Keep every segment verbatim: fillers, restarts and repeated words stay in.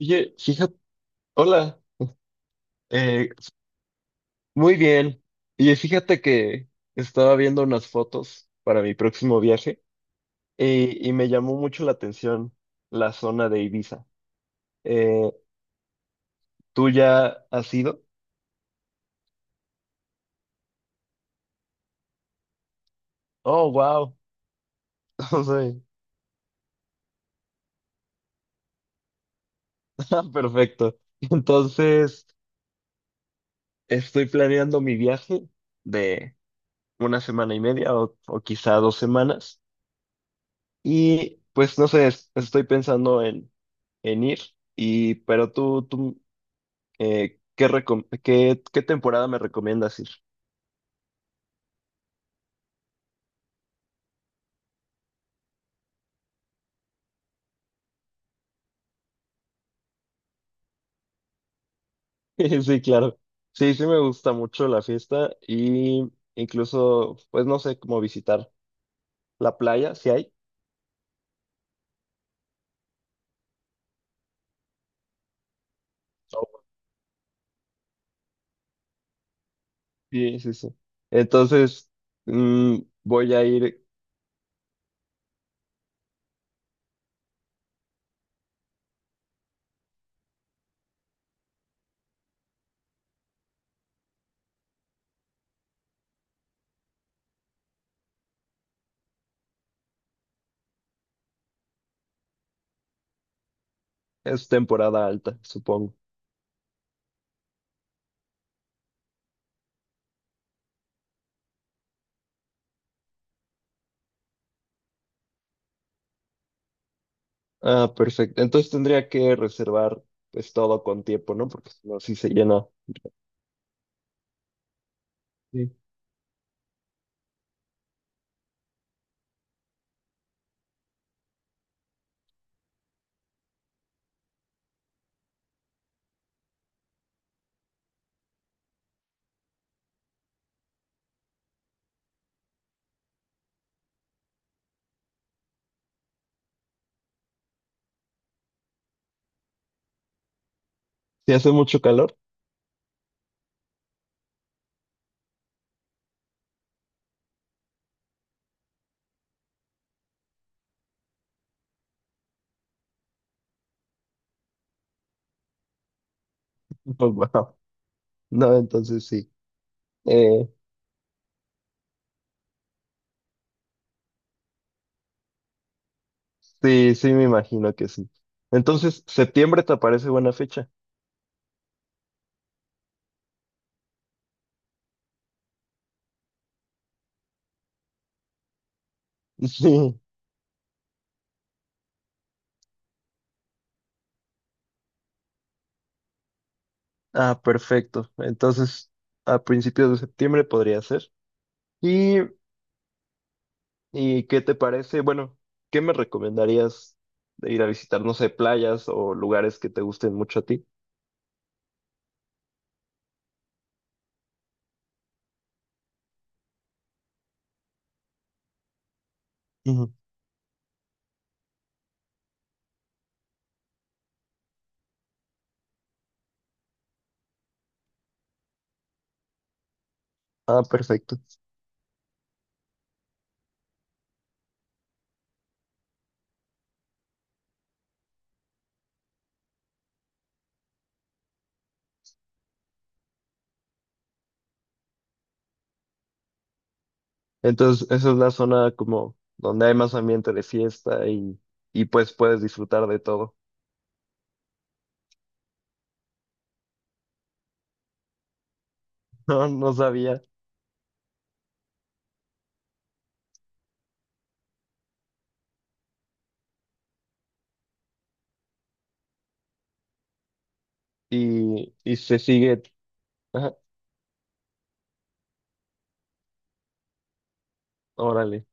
Oye, fíjate, hola, eh, muy bien. Oye, fíjate que estaba viendo unas fotos para mi próximo viaje eh, y, me llamó mucho la atención la zona de Ibiza. Eh, ¿tú ya has ido? Oh, wow. O sea, perfecto. Entonces, estoy planeando mi viaje de una semana y media o, o quizá dos semanas. Y pues no sé, es- estoy pensando en, en ir. Y, pero tú, tú Eh, ¿qué, recom- qué, qué temporada me recomiendas ir? Sí, claro. Sí, sí me gusta mucho la fiesta y incluso, pues no sé cómo visitar la playa, si hay. Sí, sí, sí. Entonces, mm, voy a ir, es temporada alta, supongo. Ah, perfecto. Entonces tendría que reservar pues todo con tiempo, ¿no? Porque si no, sí se llena. Sí. Si hace mucho calor, pues bueno, no, entonces sí. Eh, sí, sí, me imagino que sí. Entonces, septiembre te parece buena fecha. Sí. Ah, perfecto. Entonces, a principios de septiembre podría ser. ¿Y, y qué te parece? Bueno, ¿qué me recomendarías de ir a visitar, no sé, playas o lugares que te gusten mucho a ti? Ujú. Ah, perfecto. Entonces, esa es la zona como donde hay más ambiente de fiesta y, y pues puedes disfrutar de todo. No, no sabía. Y, y se sigue. Ajá, órale.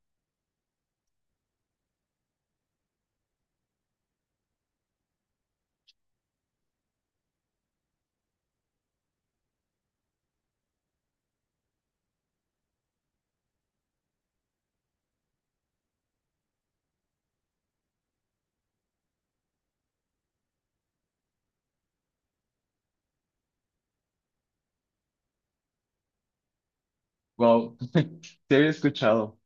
Wow, te había escuchado.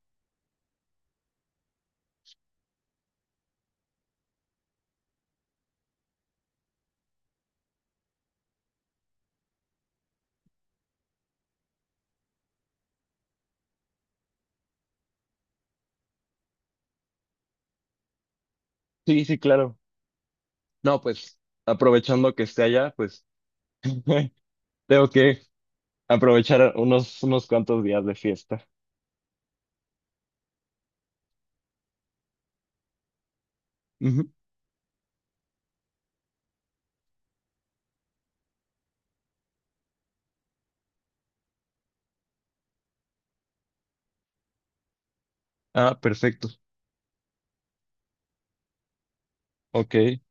Sí, sí, claro. No, pues aprovechando que esté allá, pues tengo que aprovechar unos, unos cuantos días de fiesta. Ujú. Ah, perfecto. Ok.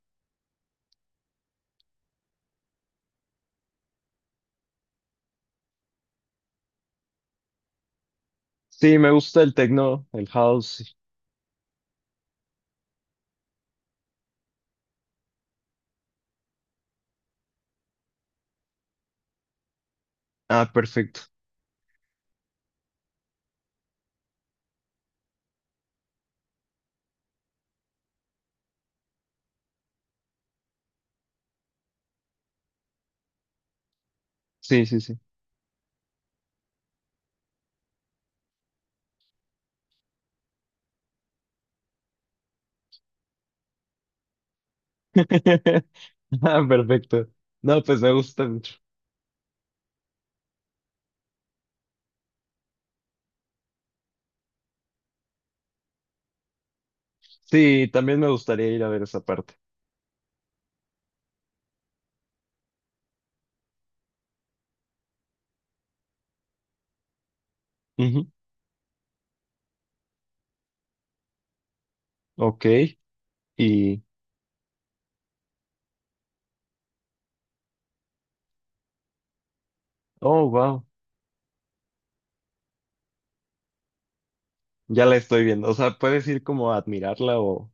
Sí, me gusta el techno, el house. Ah, perfecto. Sí, sí, sí. Ah, perfecto. No, pues me gusta mucho. Sí, también me gustaría ir a ver esa parte. Ujú. Ok. Y, oh, wow. Ya la estoy viendo. O sea, puedes ir como a admirarla o...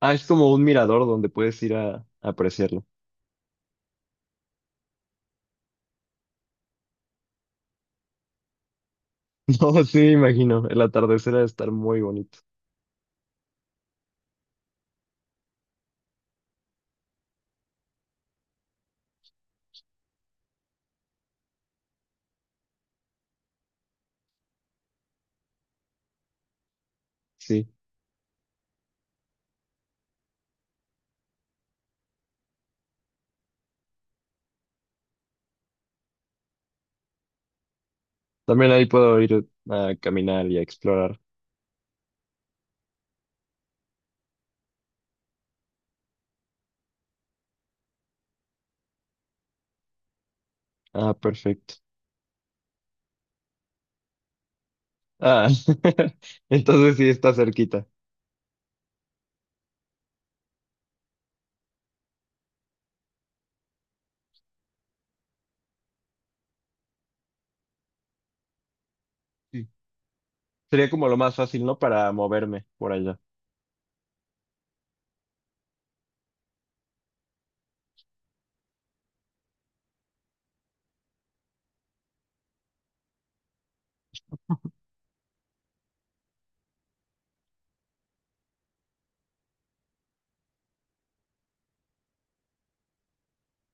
Ah, es como un mirador donde puedes ir a, a apreciarlo. No, sí, me imagino. El atardecer ha de estar muy bonito. Sí. También ahí puedo ir a caminar y a explorar. Ah, perfecto. Ah, entonces sí está cerquita. Sí. Sería como lo más fácil, ¿no? Para moverme por allá.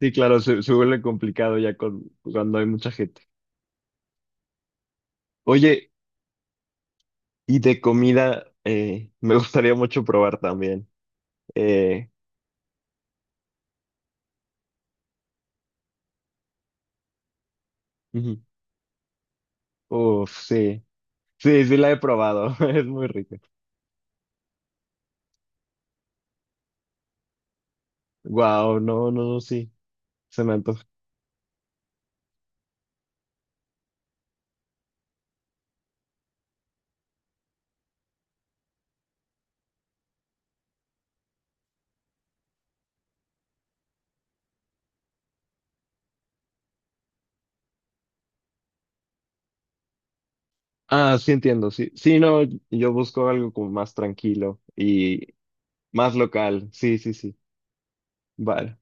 Sí, claro, se, se vuelve complicado ya con, cuando hay mucha gente. Oye, y de comida, eh, me gustaría mucho probar también. Eh, ujú. Uf, sí. Sí, sí la he probado. Es muy rica. Wow, no, no, no, sí, se me antoja. Ah, sí entiendo, sí, sí, no, yo busco algo como más tranquilo y más local, sí, sí, sí, vale.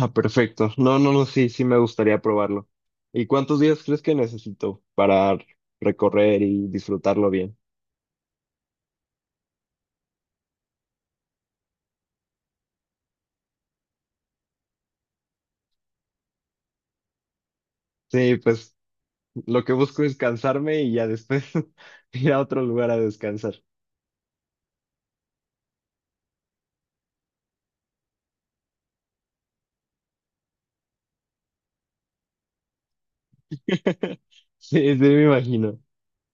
Ah, perfecto, no, no, no, sí, sí me gustaría probarlo. ¿Y cuántos días crees que necesito para recorrer y disfrutarlo bien? Sí, pues lo que busco es cansarme y ya después ir a otro lugar a descansar. Sí, sí, me imagino,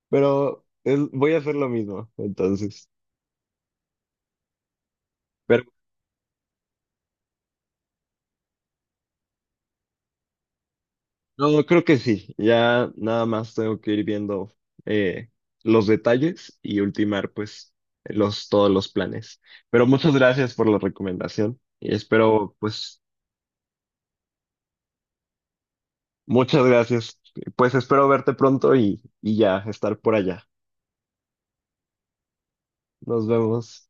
pero es- voy a hacer lo mismo, entonces. No, creo que sí. Ya nada más tengo que ir viendo eh, los detalles y ultimar pues los, todos los planes. Pero muchas gracias por la recomendación y espero pues muchas gracias. Pues espero verte pronto y, y ya estar por allá. Nos vemos.